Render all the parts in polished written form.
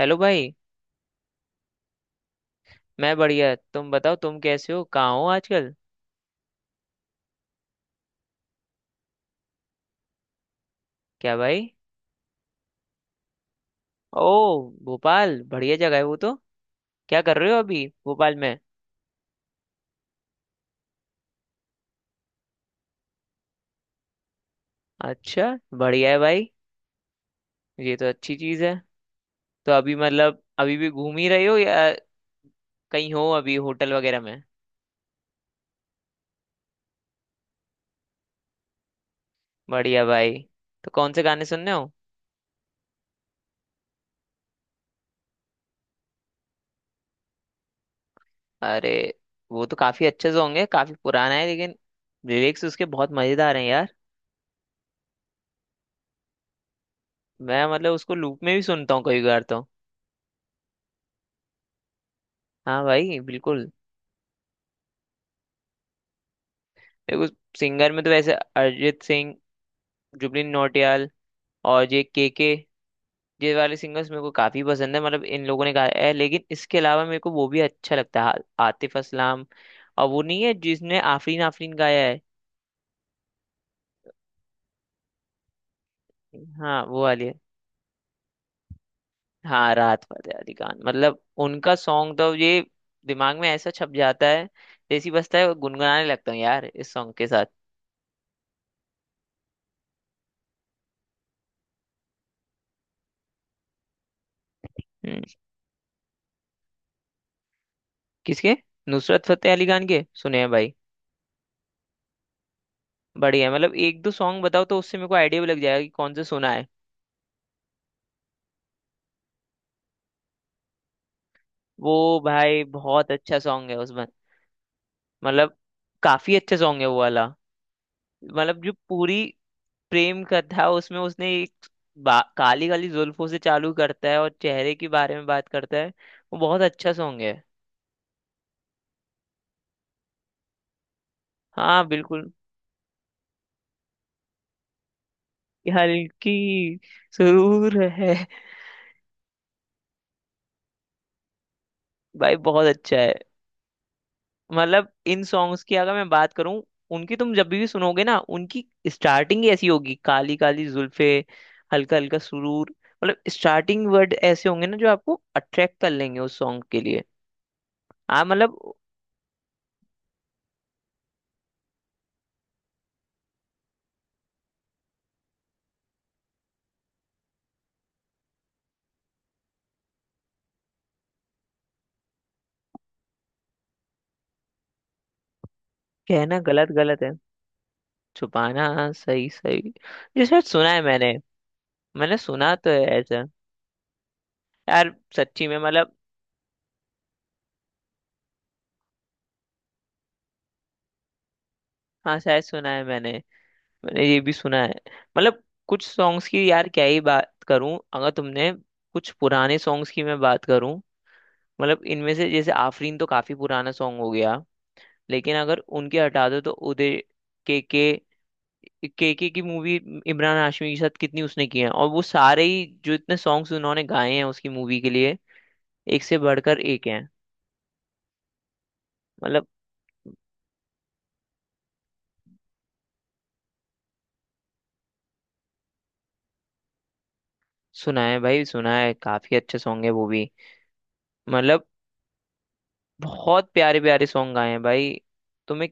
Hello भाई। मैं बढ़िया, तुम बताओ, तुम कैसे हो, कहाँ हो आजकल? क्या भाई। ओ, भोपाल बढ़िया जगह है वो तो। क्या कर रहे हो अभी भोपाल में? अच्छा, बढ़िया है भाई, ये तो अच्छी चीज़ है। तो अभी अभी भी घूम ही रहे हो या कहीं हो अभी होटल वगैरह में? बढ़िया भाई। तो कौन से गाने सुन रहे हो? अरे, वो तो काफ़ी अच्छे से होंगे, काफ़ी पुराना है लेकिन लिरिक्स उसके बहुत मज़ेदार हैं यार। मैं उसको लूप में भी सुनता हूँ कई बार तो। हाँ भाई बिल्कुल। देखो, सिंगर में तो वैसे अरिजीत सिंह, जुबिन नौटियाल, और ये के, ये वाले सिंगर्स मेरे को काफी पसंद है। मतलब इन लोगों ने गाया है लेकिन इसके अलावा मेरे को वो भी अच्छा लगता है, आतिफ असलाम। और वो नहीं है जिसने आफरीन आफरीन गाया है। हाँ वो वाली है। हाँ राहत फतेह अली खान। मतलब उनका सॉन्ग तो ये दिमाग में ऐसा छप जाता है, जैसी बजता है गुनगुनाने लगता हूँ यार इस सॉन्ग के साथ। हम्म। किसके? नुसरत फतेह अली खान के सुने हैं भाई। बढ़िया। मतलब एक दो सॉन्ग बताओ तो उससे मेरे को आइडिया भी लग जाएगा कि कौन सा सुना है। वो भाई बहुत अच्छा सॉन्ग है उसमें। मतलब काफी अच्छा सॉन्ग है वो वाला। मतलब जो पूरी प्रेम कथा उसमें, उसने एक काली काली जुल्फों से चालू करता है और चेहरे के बारे में बात करता है। वो बहुत अच्छा सॉन्ग है। हाँ बिल्कुल। ये हल्की सुरूर है। भाई बहुत अच्छा है। मतलब इन सॉन्ग्स की अगर मैं बात करूं, उनकी तुम जब भी सुनोगे ना उनकी स्टार्टिंग ही ऐसी होगी, काली काली जुल्फे, हल्का हल्का सुरूर। मतलब स्टार्टिंग वर्ड ऐसे होंगे ना जो आपको अट्रैक्ट कर लेंगे उस सॉन्ग के लिए। आप मतलब कहना गलत गलत है, छुपाना सही सही। ये शायद सुना है मैंने। मैंने सुना तो है ऐसा। यार सच्ची में मतलब। हाँ शायद सुना है मैंने। मैंने ये भी सुना है। मतलब कुछ सॉन्ग्स की यार क्या ही बात करूं अगर तुमने। कुछ पुराने सॉन्ग्स की मैं बात करूं, मतलब इनमें से जैसे आफरीन तो काफी पुराना सॉन्ग हो गया, लेकिन अगर उनके हटा दो तो उदय, के, के की मूवी इमरान हाशमी के साथ कितनी उसने की है, और वो सारे ही जो इतने सॉन्ग्स उन्होंने गाए हैं उसकी मूवी के लिए एक से बढ़कर एक हैं। मतलब सुना है भाई, सुना है, काफी अच्छे सॉन्ग है वो भी। मतलब बहुत प्यारे प्यारे सॉन्ग गाए हैं भाई। तुम्हें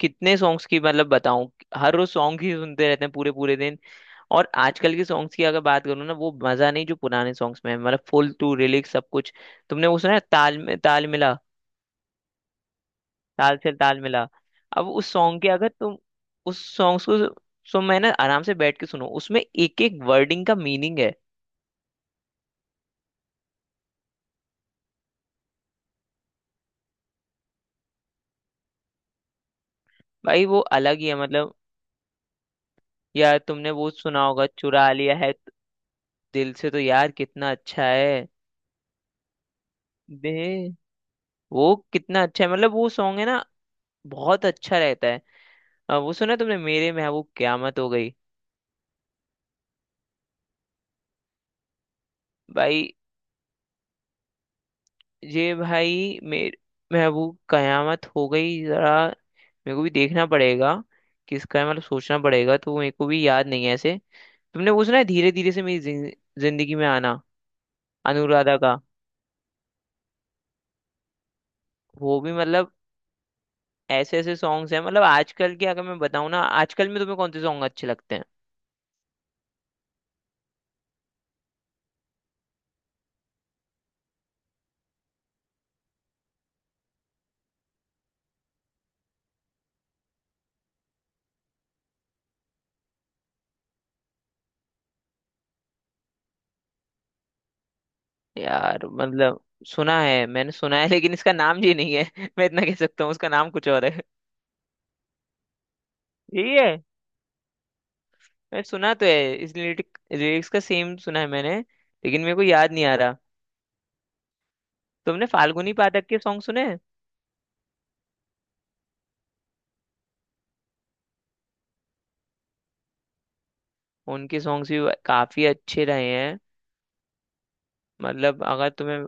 कितने सॉन्ग्स की मतलब बताऊं। हर रोज सॉन्ग ही सुनते रहते हैं पूरे पूरे दिन। और आजकल के सॉन्ग्स की अगर बात करूँ ना, वो मजा नहीं जो पुराने सॉन्ग्स में है। मतलब फुल टू रिलिक्स सब कुछ। तुमने वो सुना है, ताल में ताल मिला, ताल से ताल मिला? अब उस सॉन्ग के अगर तुम उस सॉन्ग्स को सो, मैं ना आराम से बैठ के सुनो, उसमें एक एक वर्डिंग का मीनिंग है। भाई वो अलग ही है, मतलब। यार तुमने वो सुना होगा चुरा लिया है। दिल से तो यार कितना अच्छा है बे। वो कितना अच्छा है। मतलब वो सॉन्ग है ना, बहुत अच्छा रहता है। वो सुना तुमने, मेरे महबूब क्यामत हो गई? भाई। ये भाई मेरे महबूब कयामत हो गई जरा मेरे को भी देखना पड़ेगा किसका है। मतलब सोचना पड़ेगा, तो मेरे को भी याद नहीं है ऐसे। तुमने वो सुना है धीरे धीरे से मेरी जिंदगी में आना, अनुराधा का? वो भी मतलब ऐसे ऐसे सॉन्ग्स हैं। मतलब आजकल के अगर मैं बताऊं ना, आजकल में तुम्हें कौन से सॉन्ग अच्छे लगते हैं? यार मतलब सुना है, मैंने सुना है लेकिन इसका नाम ये नहीं है। मैं इतना कह सकता हूँ, उसका नाम कुछ और है। यही है? मैं सुना तो है, इस लिरिक्स का सेम सुना है मैंने, लेकिन मेरे को याद नहीं आ रहा। तुमने फाल्गुनी पाठक के सॉन्ग सुने हैं? उनके सॉन्ग्स भी काफी अच्छे रहे हैं। मतलब अगर तुम्हें।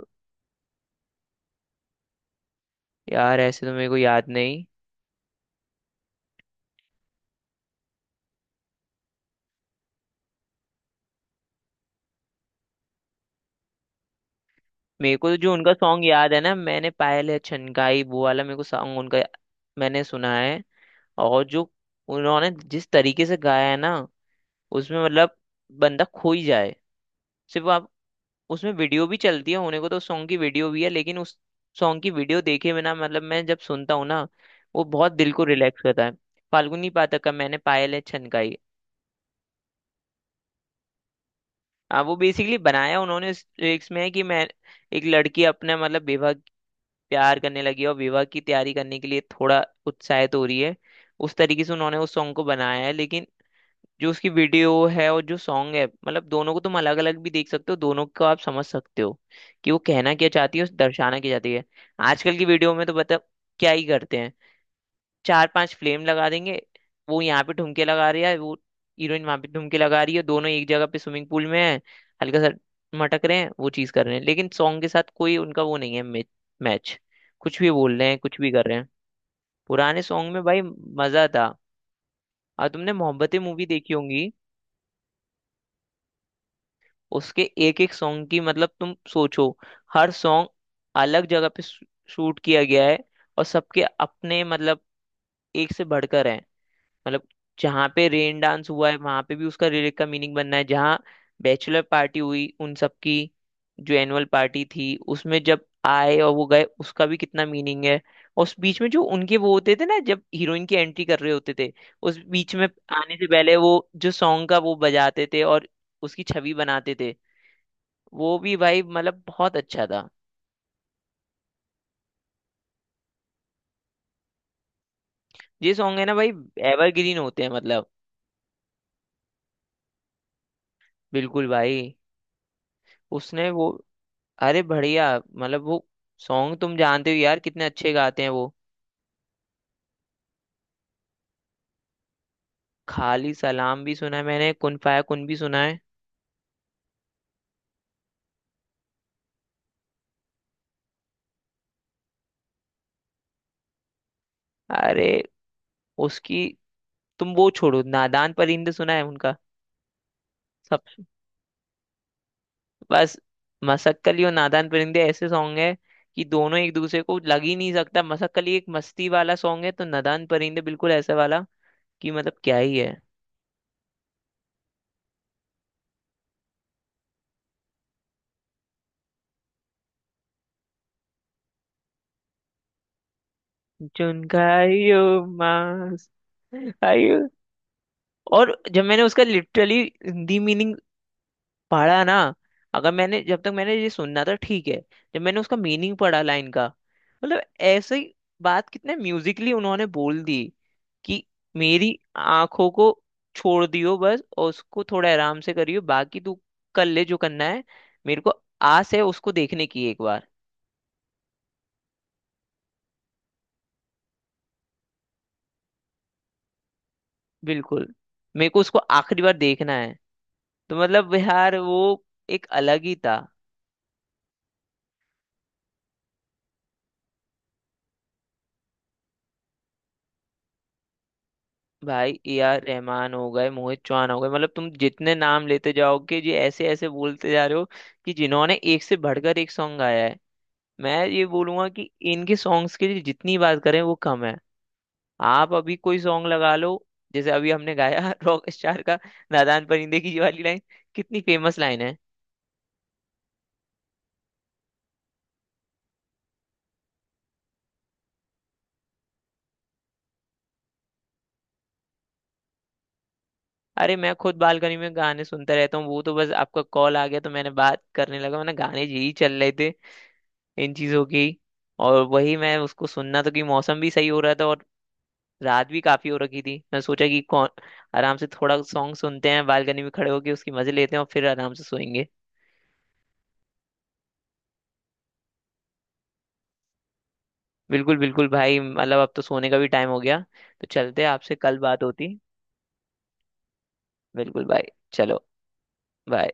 यार ऐसे तो मेरे को याद नहीं। मेरे को जो उनका सॉन्ग याद है ना, मैंने पायल है छनकाई, वो वाला मेरे को सॉन्ग उनका मैंने सुना है। और जो उन्होंने जिस तरीके से गाया है ना, उसमें मतलब बंदा खो ही जाए। सिर्फ आप उसमें वीडियो भी चलती है, होने को तो सॉन्ग की वीडियो भी है, लेकिन उस सॉन्ग की वीडियो देखे बिना मतलब मैं जब सुनता हूँ ना, वो बहुत दिल को रिलैक्स करता है। फाल्गुनी पाठक का मैंने पायल है छनकाई। वो बेसिकली बनाया उन्होंने इस लिरिक्स में है कि मैं, एक लड़की अपने मतलब विवाह, प्यार करने लगी है और विवाह की तैयारी करने के लिए थोड़ा उत्साहित हो रही है, उस तरीके से उन्होंने उस सॉन्ग को बनाया है। लेकिन जो उसकी वीडियो है और जो सॉन्ग है, मतलब दोनों को तुम अलग अलग भी देख सकते हो, दोनों को आप समझ सकते हो कि वो कहना क्या चाहती है और दर्शाना क्या चाहती है। आजकल की वीडियो में तो बता क्या ही करते हैं, चार पांच फ्लेम लगा देंगे, वो यहाँ पे ठुमके लगा रही है, वो हीरोइन वहां पे ठुमके लगा रही है, दोनों एक जगह पे स्विमिंग पूल में है, हल्का सा मटक रहे हैं, वो चीज कर रहे हैं, लेकिन सॉन्ग के साथ कोई उनका वो नहीं है मैच। कुछ भी बोल रहे हैं कुछ भी कर रहे हैं। पुराने सॉन्ग में भाई मजा था। और तुमने मोहब्बतें मूवी देखी होंगी, उसके एक एक सॉन्ग की मतलब तुम सोचो, हर सॉन्ग अलग जगह पे शूट किया गया है, और सबके अपने मतलब एक से बढ़कर हैं। मतलब जहाँ पे रेन डांस हुआ है वहां पे भी उसका लिरिक का मीनिंग बनना है, जहाँ बैचलर पार्टी हुई उन सबकी, जो एनुअल पार्टी थी उसमें जब आए और वो गए उसका भी कितना मीनिंग है। और उस बीच में जो उनके वो होते थे ना, जब हीरोइन की एंट्री कर रहे होते थे, उस बीच में आने से पहले वो जो सॉन्ग का वो बजाते थे और उसकी छवि बनाते थे, वो भी भाई मतलब बहुत अच्छा था। ये सॉन्ग है ना भाई एवरग्रीन होते हैं, मतलब। बिल्कुल भाई। उसने वो, अरे बढ़िया, मतलब वो सॉन्ग तुम जानते हो यार कितने अच्छे गाते हैं वो। खाली सलाम भी सुना है मैंने, कुन फाया कुन भी सुना है। अरे उसकी, तुम वो छोड़ो, नादान परिंदे सुना है उनका? सब, बस, मसक्कली और नादान परिंदे ऐसे सॉन्ग है कि दोनों एक दूसरे को लग ही नहीं सकता। मसक्कली एक मस्ती वाला सॉन्ग है तो नादान परिंदे बिल्कुल ऐसा वाला कि मतलब क्या ही है। जुनका यो मास आयु। और जब मैंने उसका लिटरली हिंदी मीनिंग पढ़ा ना, अगर मैंने, जब तक मैंने ये सुनना था ठीक है, जब मैंने उसका मीनिंग पढ़ा लाइन का, मतलब ऐसे ही बात कितने म्यूजिकली उन्होंने बोल दी कि मेरी आंखों को छोड़ दियो बस, और उसको थोड़ा आराम से करियो, बाकी तू कर ले जो करना है। मेरे को आस है उसको देखने की एक बार। बिल्कुल। मेरे को उसको आखिरी बार देखना है, तो मतलब यार वो एक अलग ही था। भाई ए आर रहमान हो गए, मोहित चौहान हो गए, मतलब तुम जितने नाम लेते जाओगे ये ऐसे ऐसे बोलते जा रहे हो कि जिन्होंने एक से बढ़कर एक सॉन्ग गाया है। मैं ये बोलूंगा कि इनके सॉन्ग्स के लिए जितनी बात करें वो कम है। आप अभी कोई सॉन्ग लगा लो, जैसे अभी हमने गाया रॉक स्टार का, नादान परिंदे की ये वाली लाइन कितनी फेमस लाइन है। अरे मैं खुद बालकनी में गाने सुनता रहता हूँ, वो तो बस आपका कॉल आ गया तो मैंने बात करने लगा, मैंने गाने यही चल रहे थे इन चीज़ों की। और वही मैं उसको सुनना, तो कि मौसम भी सही हो रहा था और रात भी काफ़ी हो रखी थी, मैं सोचा कि कौन, आराम से थोड़ा सॉन्ग सुनते हैं बालकनी में खड़े होके, उसकी मज़े लेते हैं और फिर आराम से सोएंगे। बिल्कुल बिल्कुल भाई, मतलब अब तो सोने का भी टाइम हो गया, तो चलते हैं, आपसे कल बात होती। बिल्कुल भाई। चलो, बाय।